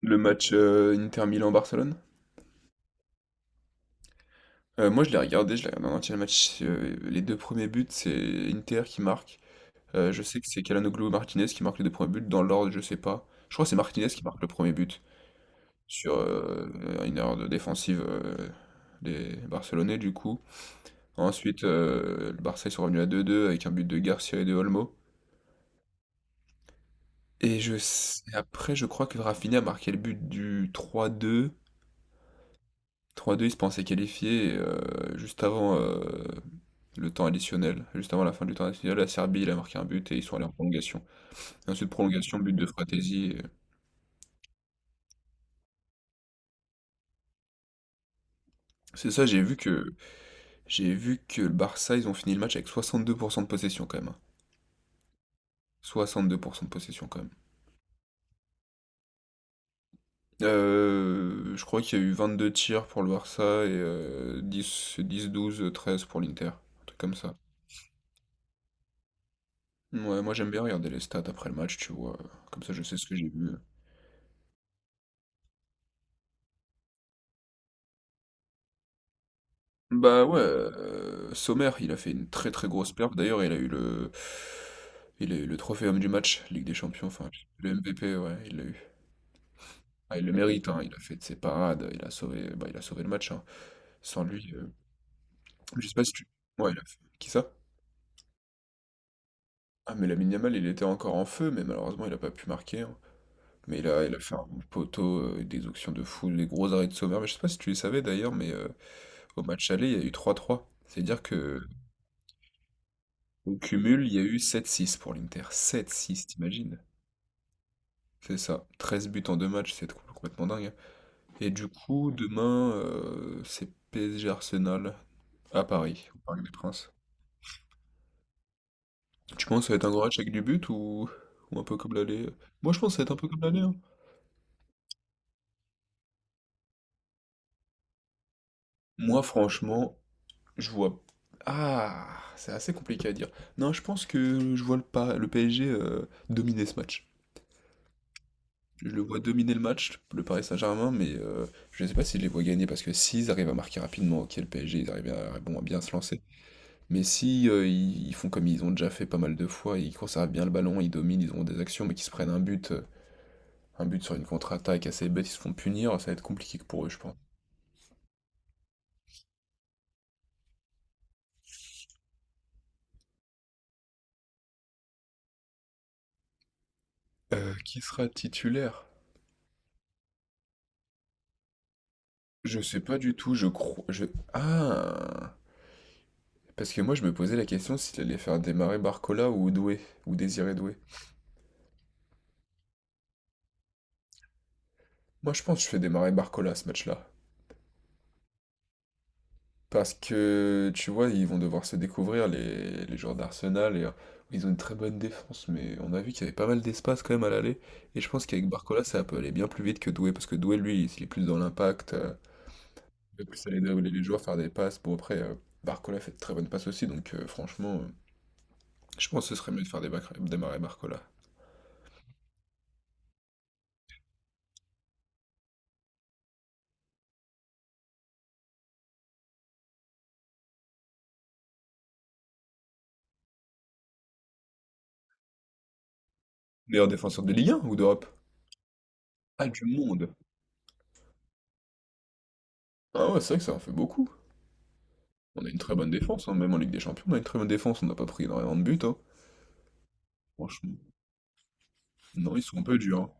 Le match Inter Milan-Barcelone? Moi, je l'ai regardé en entier le match. Les deux premiers buts, c'est Inter qui marque. Je sais que c'est Calhanoglu et Martinez qui marquent les deux premiers buts. Dans l'ordre, je sais pas. Je crois que c'est Martinez qui marque le premier but sur une erreur de défensive des Barcelonais, du coup. Ensuite, le Barça, ils sont revenus à 2-2 avec un but de Garcia et de Olmo. Et après, je crois que Rafinha a marqué le but du 3-2. Trois deux ils se pensaient qualifiés juste avant le temps additionnel. Juste avant la fin du temps additionnel, la Serbie, il a marqué un but et ils sont allés en prolongation. Et ensuite, prolongation, but de Fratesi. C'est ça, j'ai vu que le Barça, ils ont fini le match avec 62% de possession quand même, hein. 62% de possession quand même. Je crois qu'il y a eu 22 tirs pour le Barça et 10, 10, 12, 13 pour l'Inter. Un truc comme ça. Ouais, moi j'aime bien regarder les stats après le match, tu vois. Comme ça, je sais ce que j'ai vu. Bah ouais, Sommer, il a fait une très très grosse perf. D'ailleurs, il a eu le trophée homme du match, Ligue des Champions, enfin le MVP, ouais, il l'a eu. Ah, il le mérite, hein, il a fait de ses parades, il a sauvé, bah, il a sauvé le match, hein. Sans lui, je sais pas si tu, ouais, qui ça? Ah mais Lamine Yamal, il était encore en feu, mais malheureusement, il a pas pu marquer, hein. Mais il a fait un poteau, des actions de fou, des gros arrêts de Sommer. Mais je sais pas si tu les savais d'ailleurs, mais au match aller, il y a eu 3-3. C'est à dire que Au cumul, il y a eu 7-6 pour l'Inter. 7-6, t'imagines? C'est ça. 13 buts en deux matchs, c'est complètement dingue, hein. Et du coup, demain, c'est PSG Arsenal à Paris, au Parc des Princes. Tu penses que ça va être un gros match avec du but ou, un peu comme l'aller? Moi, je pense que ça va être un peu comme l'aller, hein. Moi, franchement, je vois. Ah, c'est assez compliqué à dire. Non, je pense que je vois le PSG dominer ce match. Je le vois dominer le match, le Paris Saint-Germain, mais je ne sais pas si je les vois gagner parce que s'ils arrivent à marquer rapidement, ok, le PSG, ils arrivent à, bon, à bien se lancer. Mais si ils font comme ils ont déjà fait pas mal de fois, ils conservent bien le ballon, ils dominent, ils ont des actions, mais qu'ils se prennent un but, un but sur une contre-attaque assez bête, ils se font punir, ça va être compliqué pour eux, je pense. Qui sera titulaire? Je sais pas du tout, je crois. Ah! Parce que moi, je me posais la question s'il allait faire démarrer Barcola ou Doué, ou Désiré Doué. Moi, je pense que je fais démarrer Barcola ce match-là. Parce que, tu vois, ils vont devoir se découvrir, les joueurs d'Arsenal. Et, ils ont une très bonne défense, mais on a vu qu'il y avait pas mal d'espace quand même à l'aller. Et je pense qu'avec Barcola, ça peut aller bien plus vite que Doué, parce que Doué, lui, il est plus dans l'impact, il va plus aller dribbler les joueurs, faire des passes. Bon, après, Barcola fait de très bonnes passes aussi, donc franchement, je pense que ce serait mieux de faire démarrer Barcola. Meilleur défenseur de Ligue 1 ou d'Europe? Ah, du monde! Ah ouais, c'est vrai que ça en fait beaucoup. On a une très bonne défense, hein, même en Ligue des Champions, on a une très bonne défense, on n'a pas pris énormément de buts, hein. Franchement. Non, ils sont un peu durs, hein.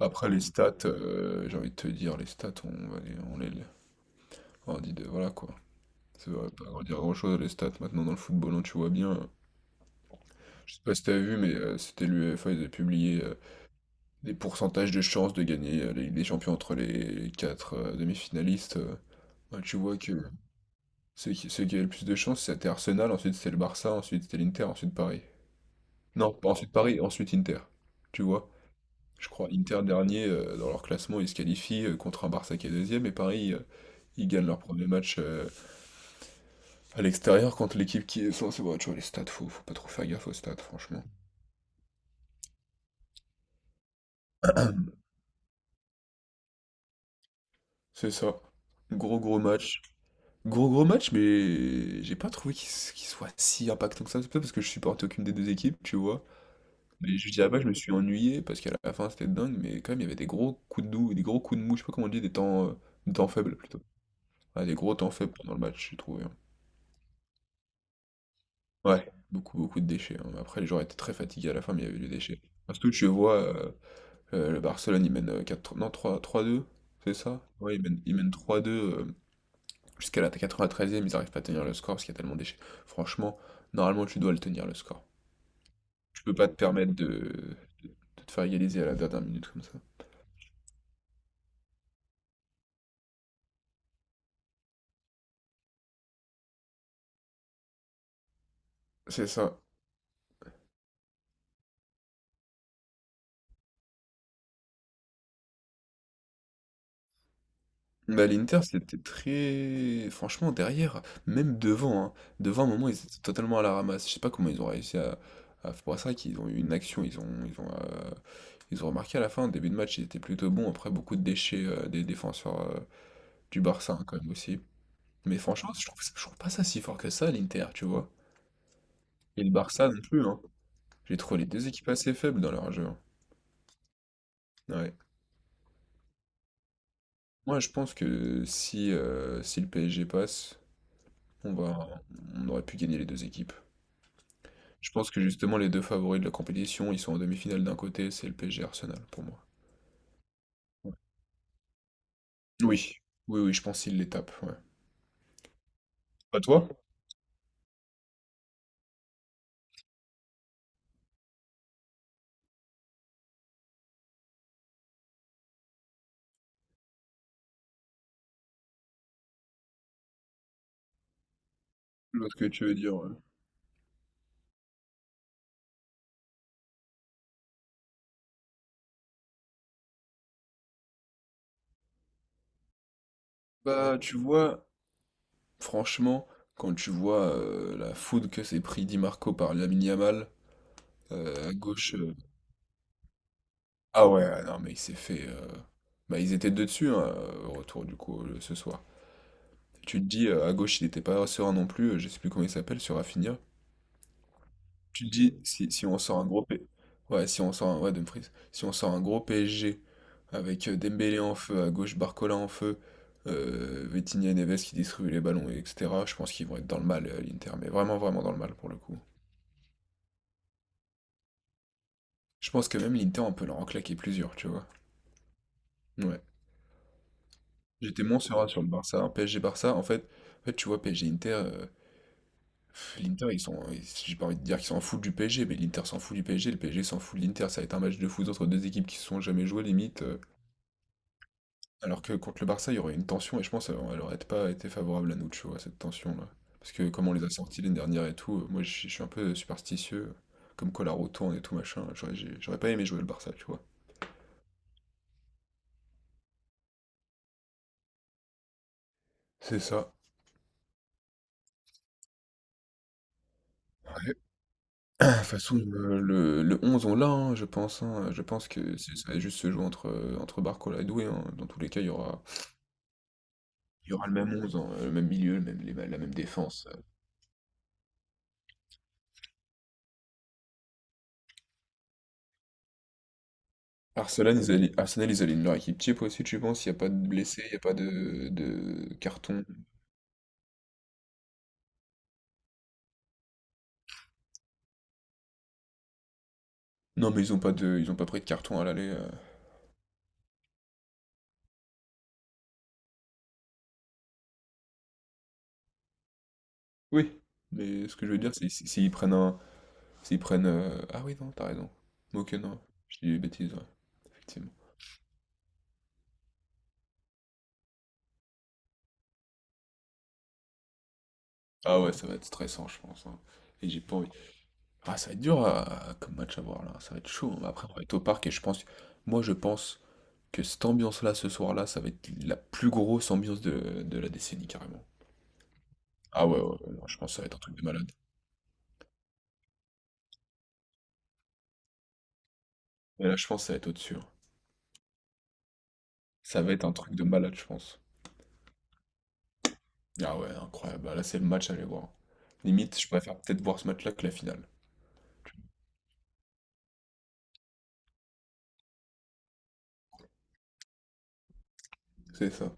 Après les stats, j'ai envie de te dire, les stats, on, va les, on dit de, voilà quoi. Ça va pas dire grand-chose les stats maintenant dans le football, hein, tu vois bien. Je sais pas si t'as vu, mais c'était l'UEFA, ils avaient publié des pourcentages de chances de gagner la Ligue des Champions entre les quatre demi-finalistes. Ouais, tu vois que ceux qui avaient le plus de chances, c'était Arsenal, ensuite c'était le Barça, ensuite c'était l'Inter, ensuite Paris. Non, pas ensuite Paris, ensuite Inter. Tu vois? Je crois Inter dernier dans leur classement, ils se qualifient contre un Barça qui est deuxième et Paris. Ils gagnent leur premier match à l'extérieur contre l'équipe qui est censée. Ouais, tu vois, les stats, faut pas trop faire gaffe aux stats, franchement. C'est ça. Gros gros match. Gros gros match, mais j'ai pas trouvé qu'il soit si impactant que ça. C'est peut-être parce que je supportais aucune des deux équipes, tu vois. Mais je dirais pas que je me suis ennuyé parce qu'à la fin c'était dingue, mais quand même il y avait des gros coups de doux, des gros coups de mou, je sais pas comment on dit, des temps faibles plutôt. Ah, des gros temps faibles pendant le match, j'ai trouvé, hein. Ouais, beaucoup beaucoup de déchets, hein. Après les joueurs étaient très fatigués à la fin, mais il y avait du déchet. Parce que tu vois, le Barcelone, il mène 4, non, 3 3-2, c'est ça? Ouais, il mène trois-deux euh, jusqu'à la 93 treizième ils n'arrivent pas à tenir le score parce qu'il y a tellement d'échecs. Franchement, normalement, tu dois le tenir le score. Tu peux pas te permettre de te faire égaliser à la dernière minute comme ça. C'est ça. Bah, l'Inter, c'était très... Franchement, derrière, même devant, hein, devant, à un moment, ils étaient totalement à la ramasse. Je sais pas comment ils ont réussi à... C'est pour ça qu'ils ont eu une action, Ils ont remarqué à la fin, au début de match, ils étaient plutôt bons. Après, beaucoup de déchets des défenseurs du Barça, hein, quand même aussi. Mais franchement, je trouve pas ça si fort que ça, l'Inter, tu vois. Et le Barça non plus, hein. J'ai trouvé les deux équipes assez faibles dans leur jeu, hein. Ouais. Moi, je pense que si le PSG passe, on va, on aurait pu gagner les deux équipes. Je pense que justement, les deux favoris de la compétition, ils sont en demi-finale d'un côté, c'est le PSG Arsenal pour moi. Ouais. Oui, oui, oui, je pense qu'ils les tapent, ouais. Pas toi? Je vois ce que tu veux dire, ouais. Bah, tu vois, franchement, quand tu vois la foudre que s'est pris Di Marco par Lamine Yamal, à gauche. Ah ouais, ah non, mais il s'est fait. Bah, ils étaient deux dessus, hein, au retour du coup, ce soir. Tu te dis, à gauche, il n'était pas serein non plus, je sais plus comment il s'appelle, sur Rafinha. Tu te dis, si on sort un gros P. Ouais, si on sort un... ouais, Dumfries. Si on sort un gros PSG avec Dembélé en feu, à gauche, Barcola en feu, Vitinha et Neves qui distribuent les ballons, et etc. Je pense qu'ils vont être dans le mal, l'Inter, mais vraiment, vraiment dans le mal pour le coup. Je pense que même l'Inter, on peut leur en claquer plusieurs, tu vois. Ouais. J'étais moins serein sur le Barça, un PSG Barça. En fait, tu vois, PSG Inter, l'Inter, si j'ai pas envie de dire qu'ils s'en foutent du PSG, mais l'Inter s'en fout du PSG, le PSG s'en fout de l'Inter. Ça va être un match de foot entre deux équipes qui se sont jamais jouées limite. Alors que contre le Barça, il y aurait une tension et je pense elle aurait pas été favorable à nous, tu vois, cette tension-là. Parce que comme on les a sortis l'année dernière et tout, moi je suis un peu superstitieux, comme quoi la roue tourne et tout machin. J'aurais pas aimé jouer le Barça, tu vois. C'est ça. Ah, de toute façon, le 11, on l'a, hein, je pense, hein. Je pense que ça va juste se jouer entre Barcola et Doué, hein. Dans tous les cas, il y aura le même 11 hein, le même milieu, la même défense. Arsenal, ils alignent leur équipe type aussi, tu penses? Il n'y a pas de blessés, il n'y a pas de carton. Non, mais ils ont pas pris de carton à l'aller. Oui, mais ce que je veux dire, c'est s'ils prennent un. S'ils prennent. Ah oui, non, t'as raison. Ok, non, je dis des bêtises, ouais, effectivement. Ah ouais, ça va être stressant, je pense, hein. Et j'ai pas envie. Ah, ça va être comme match à voir là, ça va être chaud. Après, on va être au parc et moi je pense que cette ambiance-là ce soir-là, ça va être la plus grosse ambiance de la décennie carrément. Ah ouais, ouais, ouais, non, je pense que ça va être un truc de malade. Et là, je pense que ça va être au-dessus, hein. Ça va être un truc de malade, je pense. Ah ouais, incroyable. Bah, là, c'est le match à aller voir. Limite, je préfère peut-être voir ce match-là que la finale. C'est ça.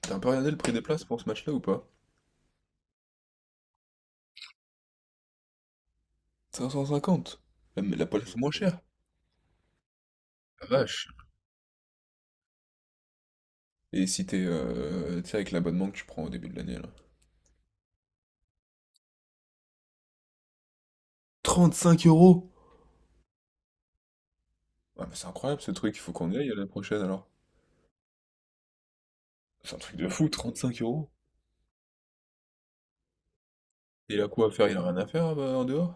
T'as un peu regardé le prix des places pour ce match-là ou pas? 550. La la place la moins chère. La vache. Et si t'es, tu sais, avec l'abonnement que tu prends au début de l'année là. Trente cinq euros? Ah, mais c'est incroyable ce truc, il faut qu'on y aille à la prochaine alors. C'est un truc de fou, 35 euros. Il a quoi à faire? Il a rien à faire ah bah, en dehors?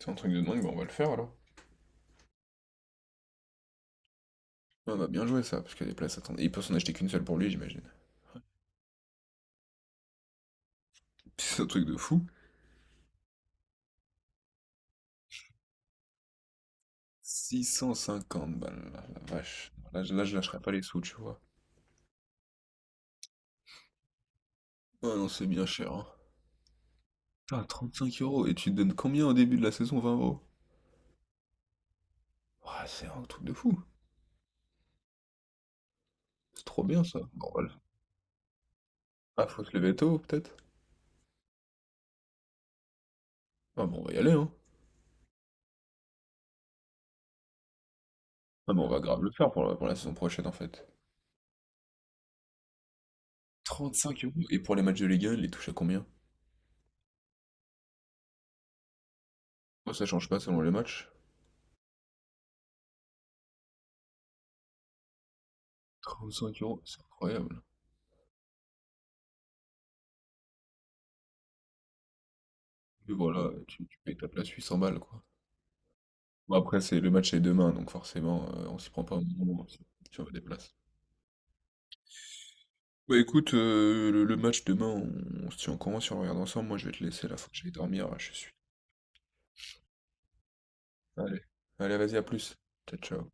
C'est un truc de dingue, bah, on va le faire alors. Ah bah bien joué ça, parce que les places, attendez, il peut s'en acheter qu'une seule pour lui, j'imagine. C'est un truc de fou. 650 balles, la la, vache. Là, je lâcherai pas les sous, tu vois. Ah non, c'est bien cher, hein. Putain, cinq euros, et tu te donnes combien au début de la saison, 20 euros? Ouais, c'est un truc de fou. C'est trop bien ça. Bon, voilà. Ah, faut se lever tôt, peut-être? Ah bon, on va y aller, hein. Ah, mais on va grave le faire pour pour la saison prochaine en fait. Trente cinq euros. Et pour les matchs de Ligue 1, il les touche à combien? Oh, ça change pas selon les matchs. Trente cinq euros, c'est incroyable. Et voilà, tu payes ta place 800 balles quoi. Bon, après, c'est le match est demain, donc forcément, on s'y prend pas au moment si on veut des places. Bah écoute, le match demain, on se tient au courant si on regarde ensemble. Moi, je vais te laisser là, faut que j'aille dormir, je suis. Allez, allez, vas-y, à plus. Ciao, ciao.